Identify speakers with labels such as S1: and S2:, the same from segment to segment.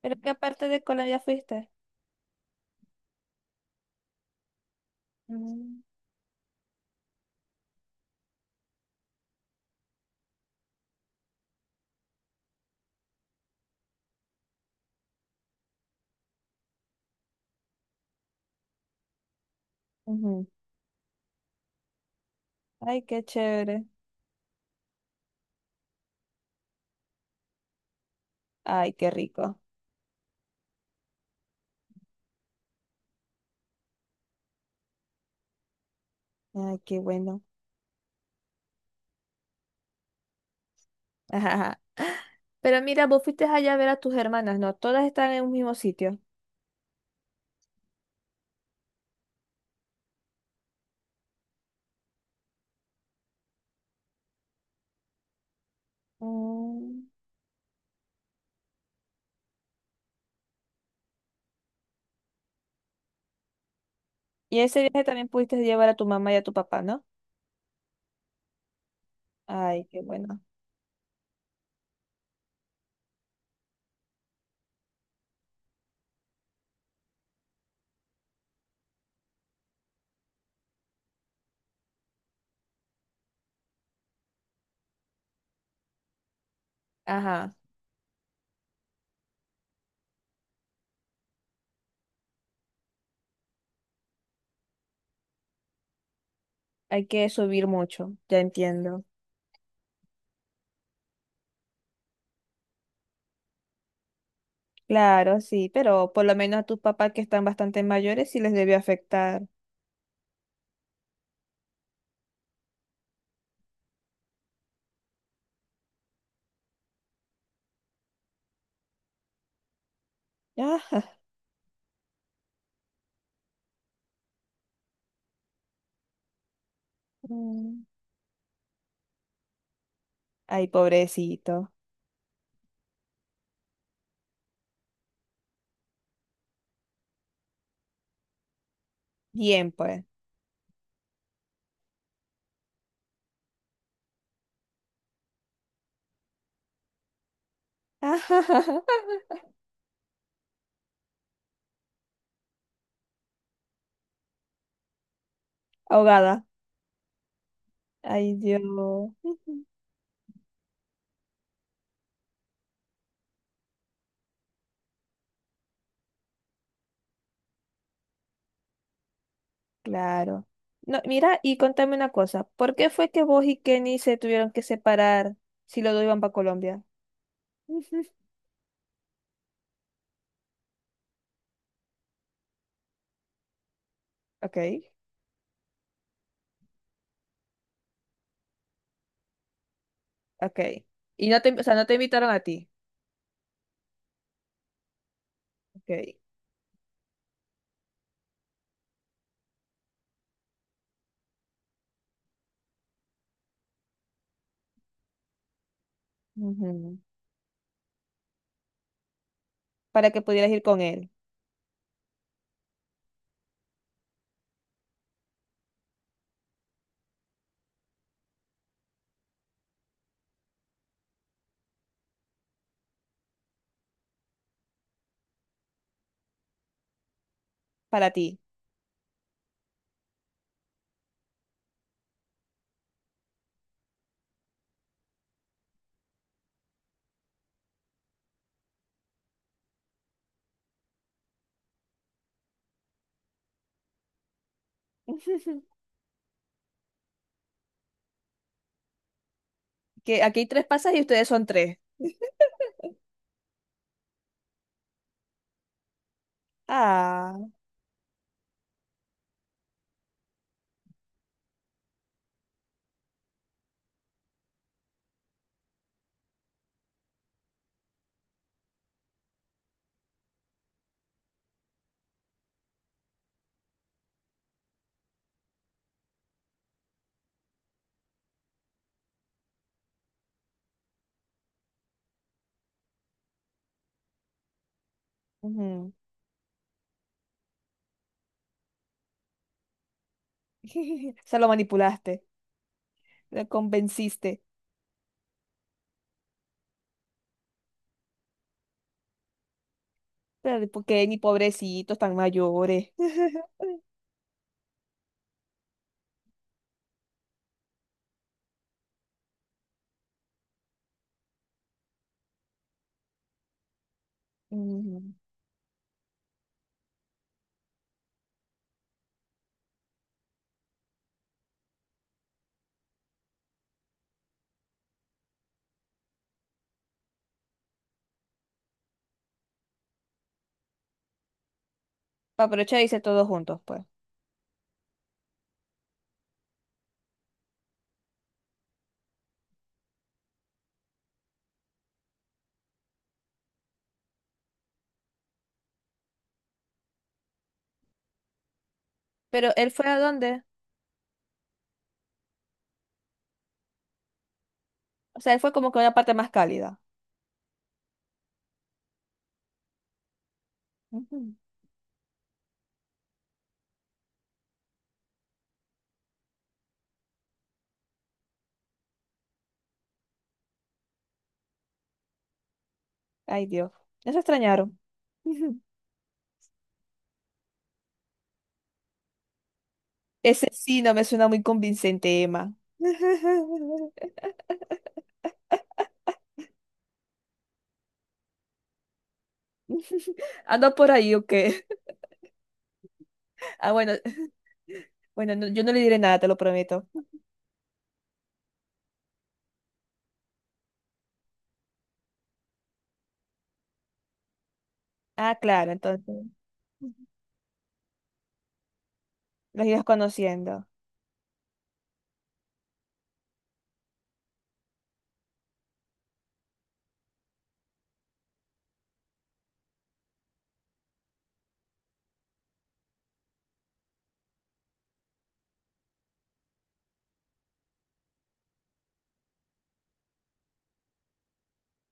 S1: Pero qué parte de cola ya fuiste. Mm, ujú. Ay, qué chévere. Ay, qué rico. Ay, qué bueno. Ajá, ajá. Pero mira, vos fuiste allá a ver a tus hermanas, ¿no? Todas están en un mismo sitio. Mm. Y ese viaje también pudiste llevar a tu mamá y a tu papá, ¿no? Ay, qué bueno. Ajá. Hay que subir mucho. Ya entiendo. Claro, sí, pero por lo menos a tus papás que están bastante mayores sí les debió afectar. Ah, mm. Ay, pobrecito. Bien, pues. Ahogada. Ay, Dios. Ujú. Claro. No, mira, y contame una cosa. ¿Por qué fue que vos y Kenny se tuvieron que separar si los dos iban para Colombia? Ujú. Ok, ok. Y no te, no te invitaron a ti. Ok. Ujú. Para que pudieras ir con él. Para ti. Ujú. Que aquí hay tres pasas y ustedes son tres. Ah. Ujú. O sea, lo manipulaste. Lo convenciste. Pero porque ni pobrecitos tan mayores. Ujú. Para aprovechar y hice todos juntos, pues. Pero ¿él fue a dónde? O sea, él fue como que a una parte más cálida. Ujú. Ay, Dios. Eso extrañaron. Ujú. Ese sí no me suena muy convincente, Emma. ¿Anda por ahí o qué? Ah, bueno, bueno, yo no le diré nada, te lo prometo. Ah, claro, entonces. Los ibas conociendo.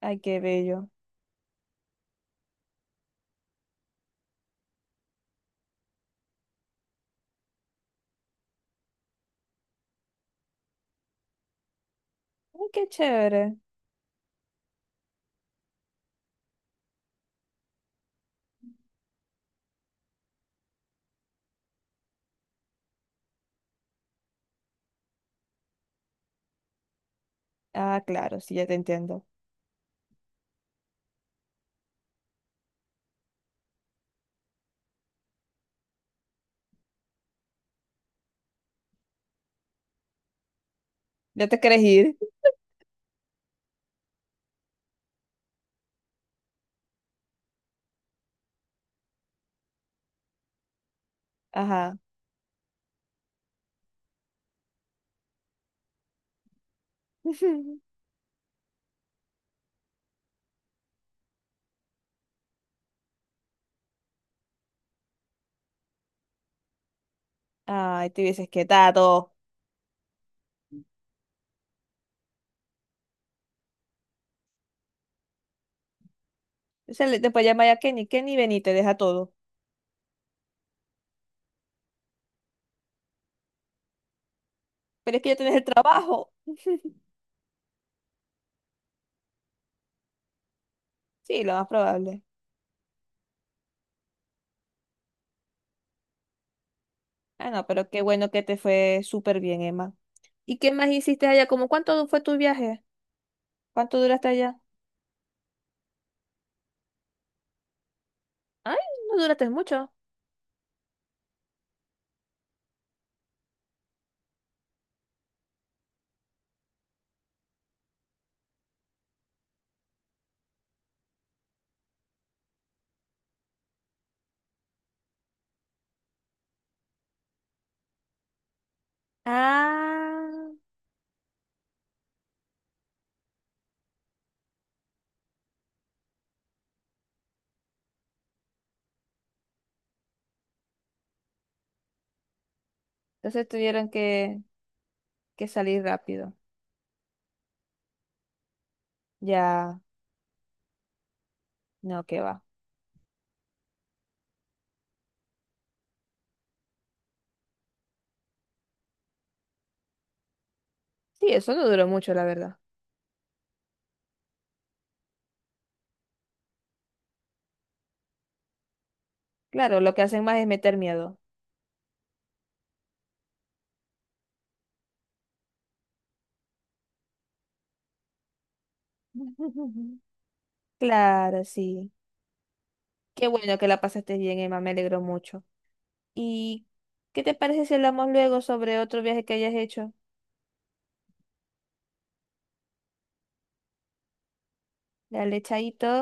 S1: Ay, qué bello. Ay, qué chévere. Ah, claro, sí, ya te entiendo. ¿Ya te querés ir? Ajá. Ay, te hubieses quedado. Se le, después llama ya Kenny, Kenny, ven y te deja todo. Pero es que ya tienes el trabajo. Sí, lo más probable. Ah, no, pero qué bueno que te fue súper bien, Emma. ¿Y qué más hiciste allá? ¿Cómo cuánto fue tu viaje? ¿Cuánto duraste allá? Ay, no duraste mucho. Ah, entonces tuvieron que salir rápido. Ya, no, qué va. Sí, eso no duró mucho, la verdad. Claro, lo que hacen más es meter miedo. Claro, sí. Qué bueno que la pasaste bien, Emma, me alegro mucho. ¿Y qué te parece si hablamos luego sobre otro viaje que hayas hecho? Dale, chaito.